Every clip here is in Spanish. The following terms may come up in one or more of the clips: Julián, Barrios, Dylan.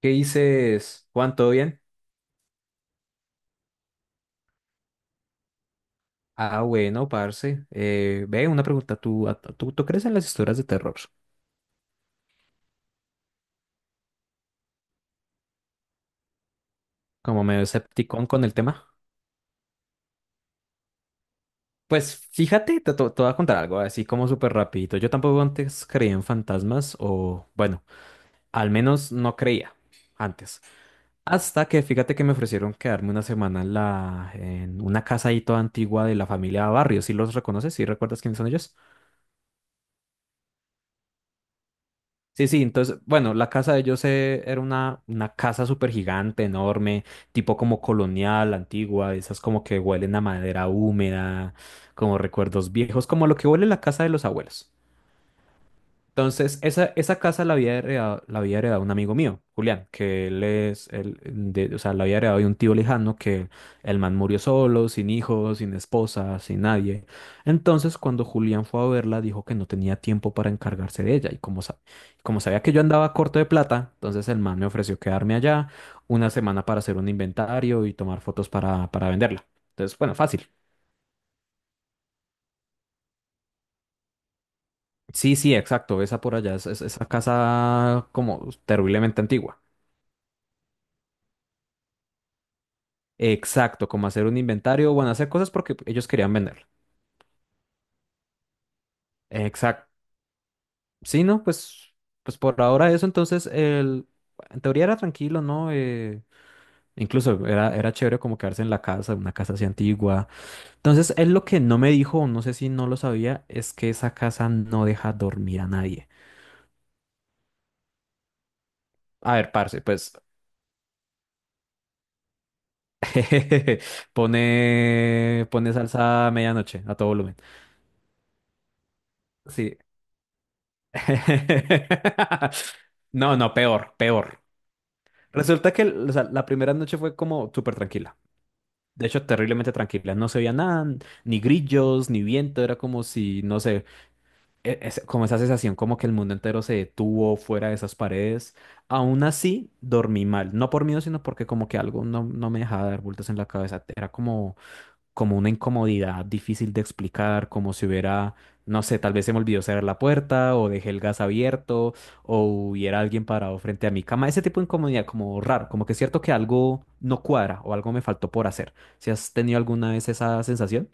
¿Qué dices, Juan? ¿Todo bien? Ah, bueno, parce. Ve, una pregunta. ¿Tú crees en las historias de terror? Como medio escepticón con el tema. Pues fíjate, te voy a contar algo, así como súper rapidito. Yo tampoco antes creía en fantasmas o, bueno, al menos no creía antes. Hasta que fíjate que me ofrecieron quedarme una semana en una casa ahí toda antigua de la familia Barrios. ¿Sí los reconoces? ¿Sí recuerdas quiénes son ellos? Sí, sí, entonces, bueno, la casa de ellos era una casa súper gigante, enorme, tipo como colonial, antigua, esas como que huelen a madera húmeda, como recuerdos viejos, como lo que huele la casa de los abuelos. Entonces, esa casa la había heredado un amigo mío, Julián, que él es, él, de- o sea, la había heredado de un tío lejano que el man murió solo, sin hijos, sin esposa, sin nadie. Entonces, cuando Julián fue a verla, dijo que no tenía tiempo para encargarse de ella. Y como sabía que yo andaba corto de plata, entonces el man me ofreció quedarme allá una semana para hacer un inventario y tomar fotos para venderla. Entonces, bueno, fácil. Sí, sí, exacto. Esa por allá esa casa como terriblemente antigua. Exacto, como hacer un inventario, bueno, hacer cosas porque ellos querían venderlo. Exacto. Sí, ¿no? Pues, pues por ahora eso, entonces, en teoría era tranquilo, ¿no? Incluso era chévere como quedarse en la casa, una casa así antigua. Entonces, él lo que no me dijo, o no sé si no lo sabía, es que esa casa no deja dormir a nadie. A ver, parce, pues pone salsa a medianoche, a todo volumen. Sí. No, no, peor, peor. Resulta que o sea, la primera noche fue como súper tranquila. De hecho, terriblemente tranquila. No se veía nada, ni grillos, ni viento. Era como si, no sé, como esa sensación como que el mundo entero se detuvo fuera de esas paredes. Aún así, dormí mal. No por miedo, sino porque como que algo no me dejaba dar vueltas en la cabeza. Era como una incomodidad difícil de explicar, como si hubiera, no sé, tal vez se me olvidó cerrar la puerta o dejé el gas abierto o hubiera alguien parado frente a mi cama. Ese tipo de incomodidad como raro, como que es cierto que algo no cuadra o algo me faltó por hacer. ¿Si has tenido alguna vez esa sensación?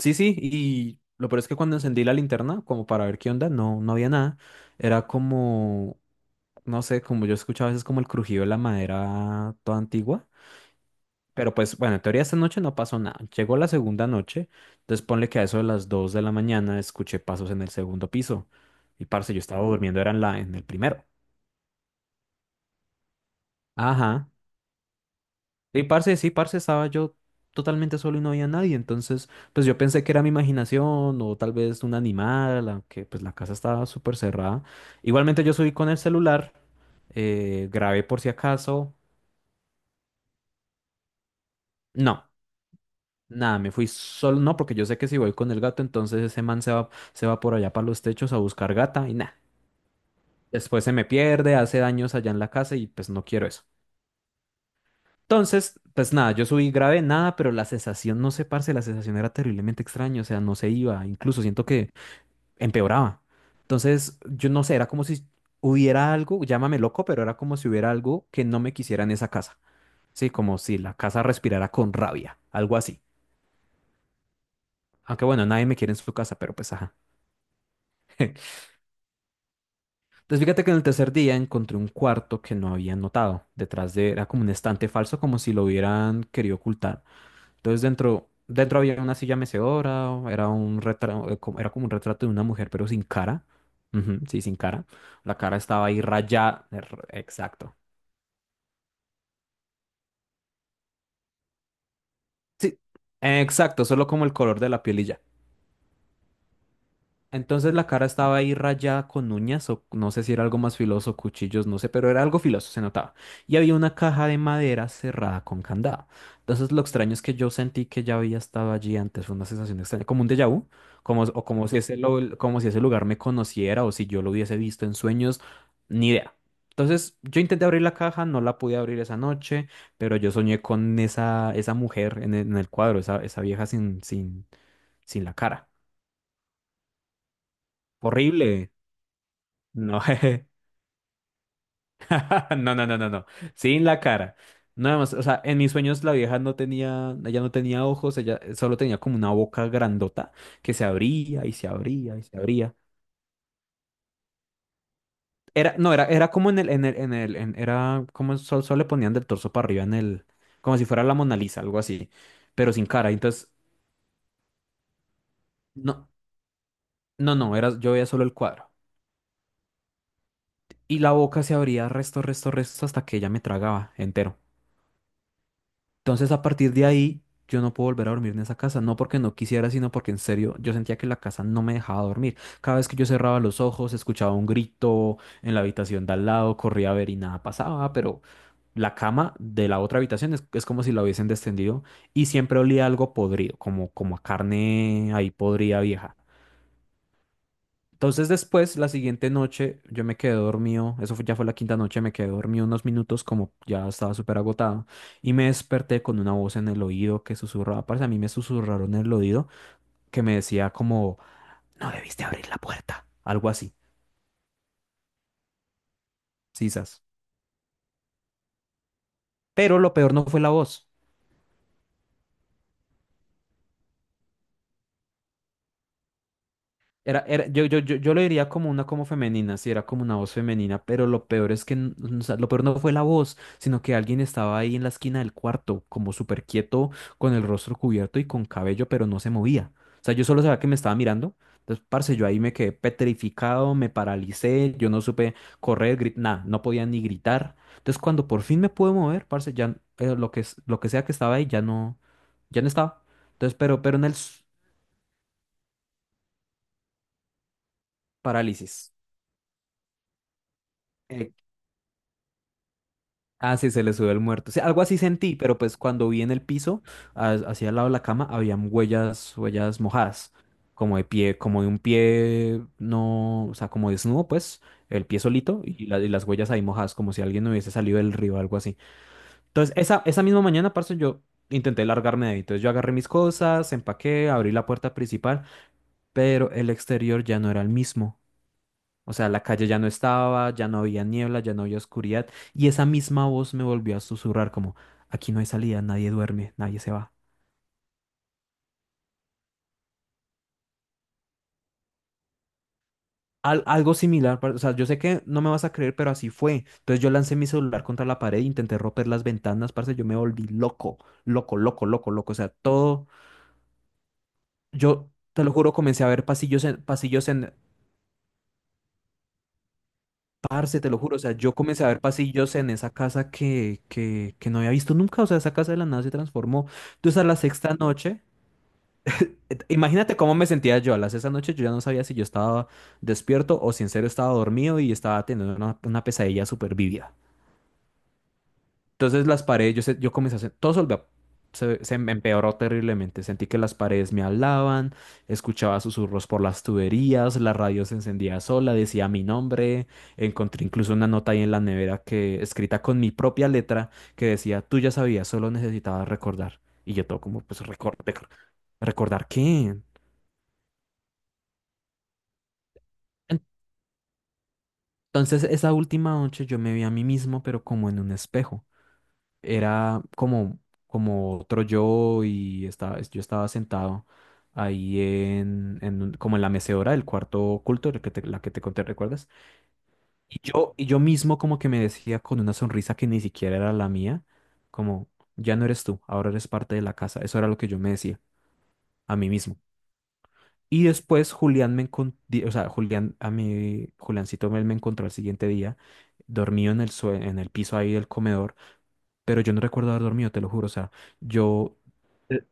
Sí, sí, y lo peor es que cuando encendí la linterna, como para ver qué onda, no, no había nada. Era como, no sé, como yo escuchaba a veces como el crujido de la madera toda antigua. Pero pues, bueno, en teoría esta noche no pasó nada. Llegó la segunda noche, entonces ponle que a eso de las 2 de la mañana escuché pasos en el segundo piso. Y parce, yo estaba durmiendo, era en el primero. Ajá. Y parce, sí, parce, estaba yo totalmente solo y no había nadie. Entonces, pues yo pensé que era mi imaginación o tal vez un animal, aunque pues la casa estaba súper cerrada. Igualmente yo subí con el celular, grabé por si acaso. No. Nada, me fui solo, no, porque yo sé que si voy con el gato, entonces ese man se va por allá para los techos a buscar gata y nada. Después se me pierde, hace daños allá en la casa y pues no quiero eso. Entonces, pues nada, yo subí grave, nada, pero la sensación, no sé, parce, la sensación era terriblemente extraña, o sea, no se iba, incluso siento que empeoraba. Entonces, yo no sé, era como si hubiera algo, llámame loco, pero era como si hubiera algo que no me quisiera en esa casa. Sí, como si la casa respirara con rabia, algo así. Aunque bueno, nadie me quiere en su casa, pero pues ajá. Entonces fíjate que en el tercer día encontré un cuarto que no había notado. Detrás de, era como un estante falso, como si lo hubieran querido ocultar. Entonces dentro había una silla mecedora, era un retrato, era como un retrato de una mujer, pero sin cara. Ujú, sí, sin cara. La cara estaba ahí rayada. Exacto. Sí, exacto, solo como el color de la piel y ya. Entonces la cara estaba ahí rayada con uñas, o no sé si era algo más filoso, cuchillos, no sé, pero era algo filoso, se notaba. Y había una caja de madera cerrada con candado. Entonces lo extraño es que yo sentí que ya había estado allí antes, fue una sensación extraña, como un déjà vu, como, o como como si ese lugar me conociera o si yo lo hubiese visto en sueños, ni idea. Entonces yo intenté abrir la caja, no la pude abrir esa noche, pero yo soñé con esa mujer en el cuadro, esa vieja sin la cara. Horrible. No, jeje. no, no, no, no, no. Sin la cara. Nada más, o sea, en mis sueños la vieja no tenía, ella no tenía ojos, ella solo tenía como una boca grandota que se abría y se abría y se abría. Era, no, era, era como era como solo le ponían del torso para arriba como si fuera la Mona Lisa, algo así, pero sin cara. Entonces, no, no, era, yo veía solo el cuadro. Y la boca se abría resto, resto, resto hasta que ella me tragaba entero. Entonces, a partir de ahí, yo no puedo volver a dormir en esa casa, no porque no quisiera, sino porque en serio yo sentía que la casa no me dejaba dormir. Cada vez que yo cerraba los ojos, escuchaba un grito en la habitación de al lado, corría a ver y nada pasaba, pero la cama de la otra habitación es como si la hubiesen descendido y siempre olía algo podrido, como, como a carne ahí podrida vieja. Entonces después, la siguiente noche, yo me quedé dormido, ya fue la quinta noche, me quedé dormido unos minutos como ya estaba súper agotado y me desperté con una voz en el oído que susurraba, parece a mí me susurraron en el oído que me decía como, no debiste abrir la puerta, algo así, sisas. Pero lo peor no fue la voz. Era, era, yo lo diría como una como femenina, sí, era como una voz femenina, pero lo peor es que, o sea, lo peor no fue la voz, sino que alguien estaba ahí en la esquina del cuarto, como súper quieto, con el rostro cubierto y con cabello, pero no se movía. O sea, yo solo sabía que me estaba mirando. Entonces, parce, yo ahí me quedé petrificado, me paralicé, yo no supe correr, nada, no podía ni gritar. Entonces, cuando por fin me pude mover, parce, ya lo que, lo que sea que estaba ahí ya no estaba. Entonces, pero parálisis. eh, Ah, sí, se le subió el muerto. Sí, algo así sentí, pero pues cuando vi en el piso, hacia el lado de la cama, habían huellas, huellas mojadas, como de pie, como de un pie, no, o sea, como desnudo, pues, el pie solito y las huellas ahí mojadas, como si alguien hubiese salido del río o algo así. Entonces, esa misma mañana, parce, yo intenté largarme de ahí. Entonces, yo agarré mis cosas, empaqué, abrí la puerta principal, pero el exterior ya no era el mismo. O sea, la calle ya no estaba, ya no había niebla, ya no había oscuridad, y esa misma voz me volvió a susurrar como, aquí no hay salida, nadie duerme, nadie se va. Algo similar, o sea, yo sé que no me vas a creer, pero así fue. Entonces yo lancé mi celular contra la pared, intenté romper las ventanas, parce, yo me volví loco, loco, loco, loco, loco. O sea, todo, yo te lo juro, comencé a ver pasillos en, parce, te lo juro, o sea, yo comencé a ver pasillos en esa casa que no había visto nunca, o sea, esa casa de la nada se transformó. Entonces a la sexta noche... Imagínate cómo me sentía yo. A las esa noche yo ya no sabía si yo estaba despierto o si en serio estaba dormido y estaba teniendo una pesadilla súper vívida. Entonces las paredes, yo, yo comencé a hacer, se, se me empeoró terriblemente. Sentí que las paredes me hablaban, escuchaba susurros por las tuberías, la radio se encendía sola, decía mi nombre. Encontré incluso una nota ahí en la nevera que escrita con mi propia letra que decía, tú ya sabías, solo necesitabas recordar. Y yo todo como, pues recordar, ¿recordar qué? Entonces, esa última noche yo me vi a mí mismo, pero como en un espejo. Era como, como otro yo y estaba, yo estaba sentado ahí como en la mecedora del cuarto oculto, la que te conté, ¿recuerdas? Y yo mismo como que me decía con una sonrisa que ni siquiera era la mía, como, ya no eres tú, ahora eres parte de la casa. Eso era lo que yo me decía a mí mismo. Y después Julián me encon- di- o sea, Julián, a mí, Juliancito me encontró al siguiente día, dormido en el piso ahí del comedor, pero yo no recuerdo haber dormido, te lo juro, o sea, yo, eh,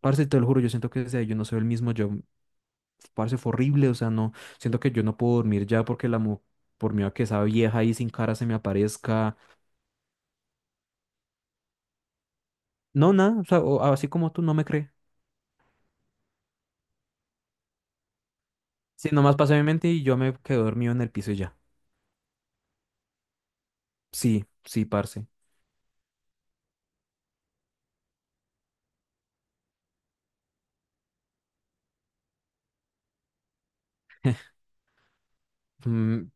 parce, te lo juro, yo siento que desde ahí yo no soy el mismo, yo, parce, fue horrible, o sea, no, siento que yo no puedo dormir ya porque por miedo a que esa vieja ahí sin cara se me aparezca, no, nada, o sea, así como tú no me crees, sí, nomás pasé mi mente y yo me quedé dormido en el piso y ya, sí, sí, parce. mm,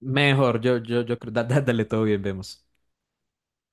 Mejor, yo creo, dale todo bien, vemos.